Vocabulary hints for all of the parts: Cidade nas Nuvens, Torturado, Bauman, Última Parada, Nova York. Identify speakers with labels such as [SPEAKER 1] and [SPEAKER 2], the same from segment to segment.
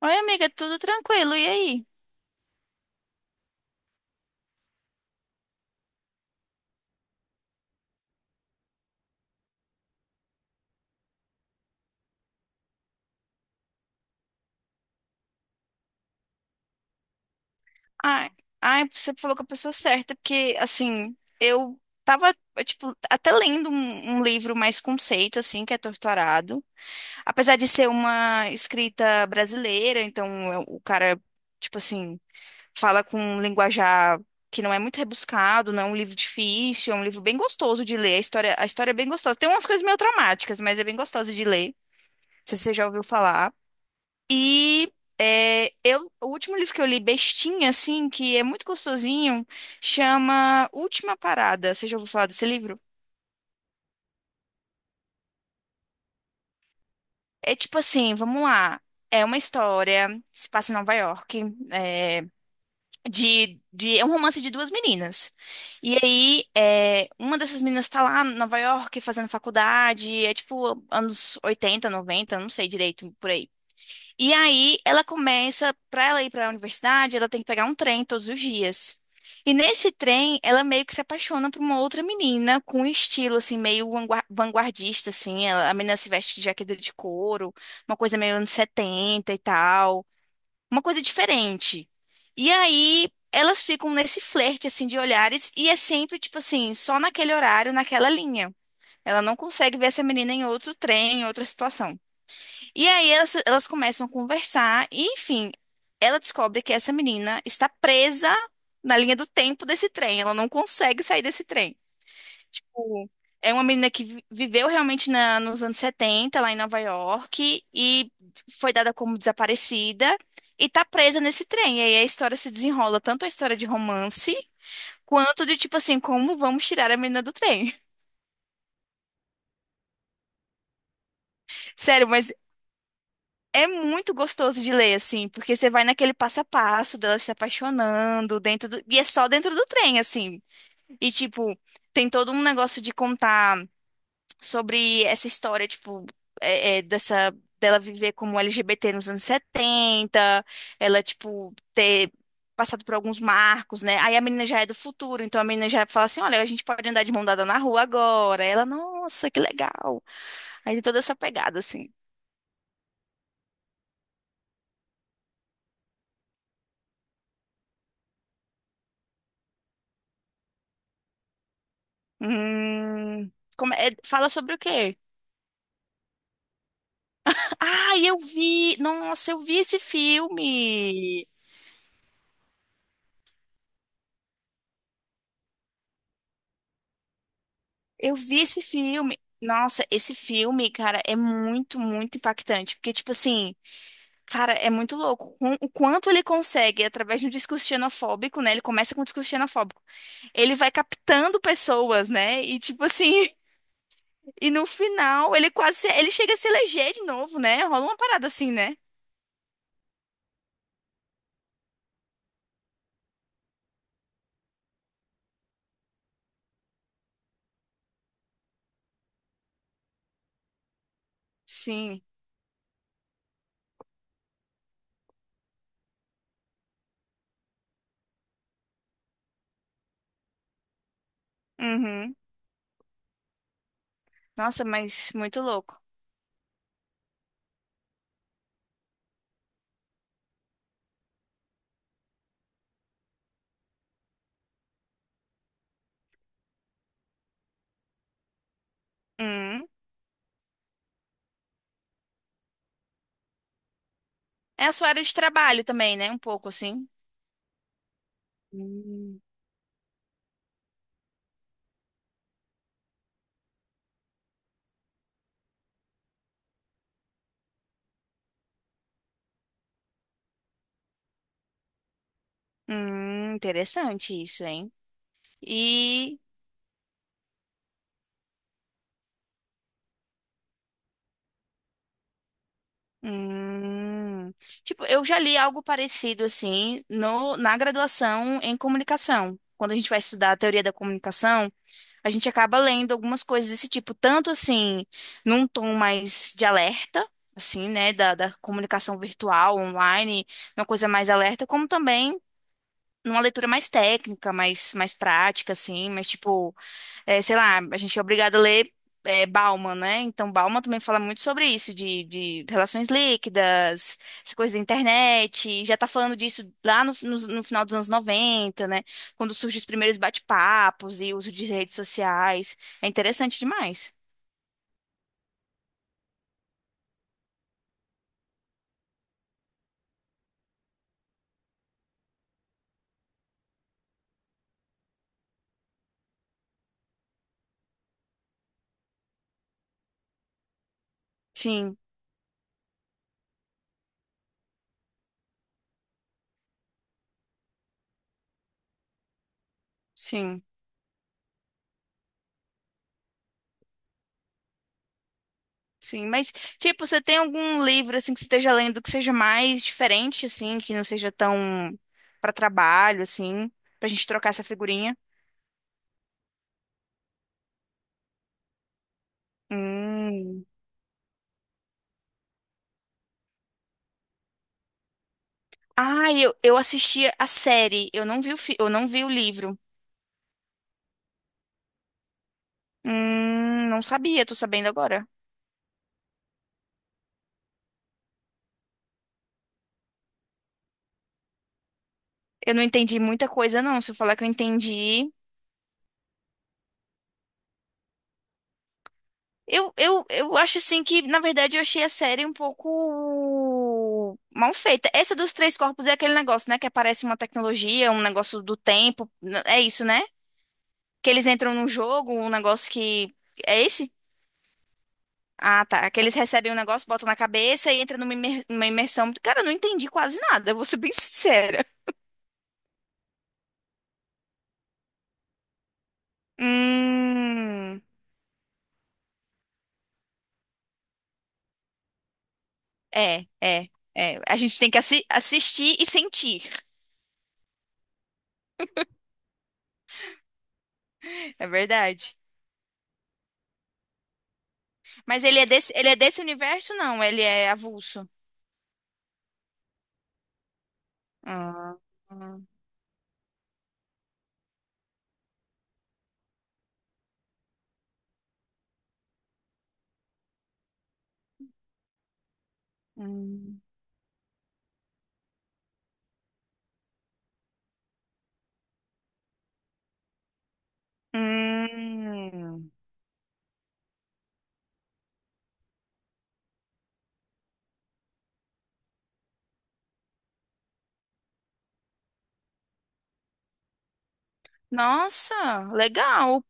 [SPEAKER 1] Oi, amiga, tudo tranquilo, e aí? Ai, ai, você falou com a pessoa certa, porque, assim, eu tava, tipo, até lendo um livro mais conceito, assim, que é Torturado. Apesar de ser uma escrita brasileira, então o cara, tipo assim, fala com um linguajar que não é muito rebuscado, não é um livro difícil, é um livro bem gostoso de ler, a história é bem gostosa. Tem umas coisas meio traumáticas, mas é bem gostosa de ler. Não sei se você já ouviu falar. E o último livro que eu li, bestinha, assim, que é muito gostosinho, chama Última Parada. Você já ouviu falar desse livro? É tipo assim, vamos lá. É uma história, se passa em Nova York, é, é um romance de duas meninas. E aí, uma dessas meninas tá lá em Nova York fazendo faculdade, é tipo anos 80 90, não sei direito, por aí. E aí ela começa, para ela ir para a universidade, ela tem que pegar um trem todos os dias. E nesse trem, ela meio que se apaixona por uma outra menina com um estilo assim meio vanguardista assim. A menina se veste de jaqueta de couro, uma coisa meio anos 70 e tal, uma coisa diferente. E aí elas ficam nesse flerte assim de olhares, e é sempre tipo assim, só naquele horário, naquela linha. Ela não consegue ver essa menina em outro trem, em outra situação. E aí elas começam a conversar e, enfim, ela descobre que essa menina está presa na linha do tempo desse trem. Ela não consegue sair desse trem. Tipo, é uma menina que viveu realmente nos anos 70 lá em Nova York, e foi dada como desaparecida e tá presa nesse trem. E aí a história se desenrola, tanto a história de romance, quanto de, tipo assim, como vamos tirar a menina do trem. Sério, mas é muito gostoso de ler, assim, porque você vai naquele passo a passo dela se apaixonando. E é só dentro do trem, assim. E, tipo, tem todo um negócio de contar sobre essa história, tipo, é, é, dessa... dela viver como LGBT nos anos 70, ela, tipo, ter passado por alguns marcos, né? Aí a menina já é do futuro, então a menina já fala assim, olha, a gente pode andar de mão dada na rua agora. Aí ela, nossa, que legal. Aí tem toda essa pegada, assim. Hum, como fala sobre o quê? Ah, eu vi! Nossa, eu vi esse filme! Eu vi esse filme. Nossa, esse filme, cara, é muito, muito impactante. Porque, tipo assim, cara, é muito louco. O quanto ele consegue, através de um discurso xenofóbico, né? Ele começa com um discurso xenofóbico. Ele vai captando pessoas, né? E, tipo assim, e no final, ele chega a se eleger de novo, né? Rola uma parada assim, né? Sim. Uhum. Nossa, mas muito louco. Hum. É a sua área de trabalho também, né? Um pouco assim. Interessante isso, hein? E. Hum, tipo, eu já li algo parecido assim no, na graduação em comunicação. Quando a gente vai estudar a teoria da comunicação, a gente acaba lendo algumas coisas desse tipo, tanto assim, num tom mais de alerta, assim, né, da comunicação virtual, online, uma coisa mais alerta, como também, numa leitura mais técnica, mais prática, assim, mas tipo, é, sei lá, a gente é obrigado a ler Bauman, né? Então Bauman também fala muito sobre isso, de relações líquidas, essa coisa da internet, já tá falando disso lá no final dos anos 90, né? Quando surgem os primeiros bate-papos e uso de redes sociais. É interessante demais. Sim, sim. Sim, mas tipo, você tem algum livro assim que você esteja lendo que seja mais diferente assim, que não seja tão para trabalho assim, pra gente trocar essa figurinha? Hum. Ah, eu assisti a série, eu não vi o livro. Não sabia, tô sabendo agora. Eu não entendi muita coisa não, se eu falar que eu entendi. Eu acho assim que, na verdade, eu achei a série um pouco mal feita. Essa dos Três Corpos é aquele negócio, né? Que aparece uma tecnologia, um negócio do tempo. É isso, né? Que eles entram num jogo, um negócio que. É esse? Ah, tá. Que eles recebem um negócio, botam na cabeça e entra numa imer- uma imersão. Cara, eu não entendi quase nada, eu vou ser bem sincera. Hum. É, é, é. A gente tem que assistir e sentir. É verdade. Mas ele é desse universo, não? Ele é avulso. Ah, hum. Hum. Nossa, legal.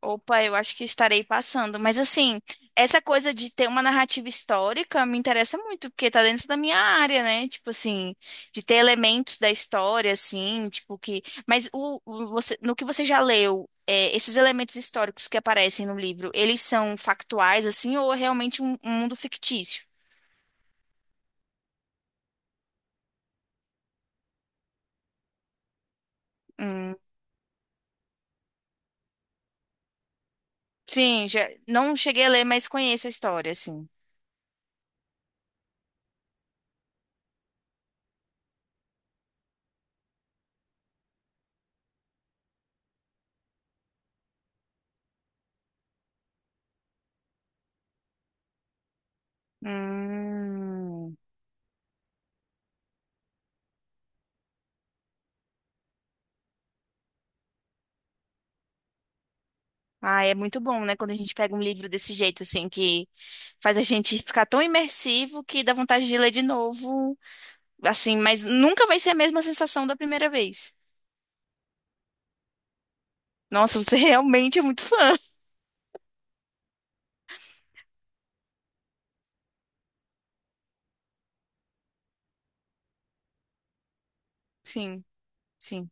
[SPEAKER 1] Opa, eu acho que estarei passando. Mas assim, essa coisa de ter uma narrativa histórica me interessa muito, porque tá dentro da minha área, né? Tipo assim, de ter elementos da história, assim, tipo que. Mas você, no que você já leu, esses elementos históricos que aparecem no livro, eles são factuais, assim, ou é realmente um mundo fictício? Hum. Sim, já, não cheguei a ler, mas conheço a história, assim. Hum. Ah, é muito bom, né? Quando a gente pega um livro desse jeito, assim, que faz a gente ficar tão imersivo que dá vontade de ler de novo. Assim, mas nunca vai ser a mesma sensação da primeira vez. Nossa, você realmente é muito fã. Sim, sim,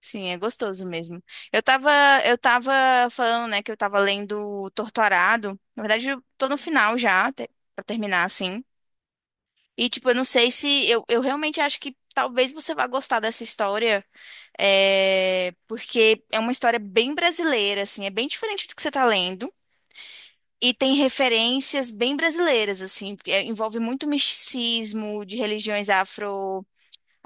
[SPEAKER 1] sim, é gostoso mesmo. Eu tava, eu tava falando, né, que eu tava lendo Torturado. Na verdade, eu tô no final já, pra terminar, assim. E, tipo, eu não sei se. Eu realmente acho que talvez você vá gostar dessa história, porque é uma história bem brasileira, assim, é bem diferente do que você tá lendo. E tem referências bem brasileiras, assim, porque, envolve muito misticismo de religiões afro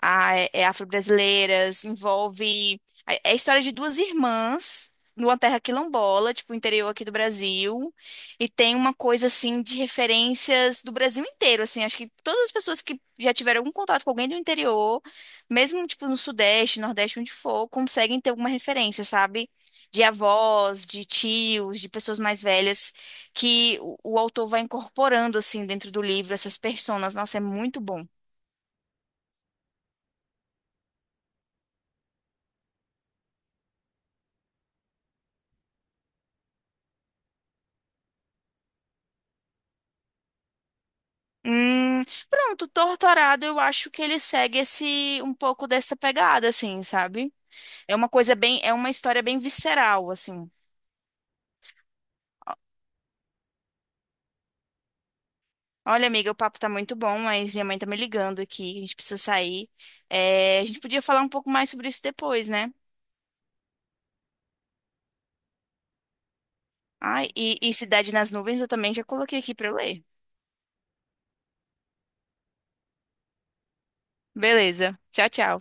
[SPEAKER 1] a- é, é afro-brasileiras, envolve. É a história de duas irmãs numa terra quilombola, tipo, interior aqui do Brasil. E tem uma coisa, assim, de referências do Brasil inteiro, assim. Acho que todas as pessoas que já tiveram algum contato com alguém do interior, mesmo, tipo, no Sudeste, Nordeste, onde for, conseguem ter alguma referência, sabe? De avós, de tios, de pessoas mais velhas, que o autor vai incorporando, assim, dentro do livro, essas personas. Nossa, é muito bom. Hum, pronto, Torturado, eu acho que ele segue esse um pouco dessa pegada, assim, sabe? É uma história bem visceral, assim. Olha, amiga, o papo tá muito bom, mas minha mãe tá me ligando aqui, a gente precisa sair. É, a gente podia falar um pouco mais sobre isso depois, né? Ah, e Cidade nas Nuvens eu também já coloquei aqui pra eu ler. Beleza, tchau, tchau.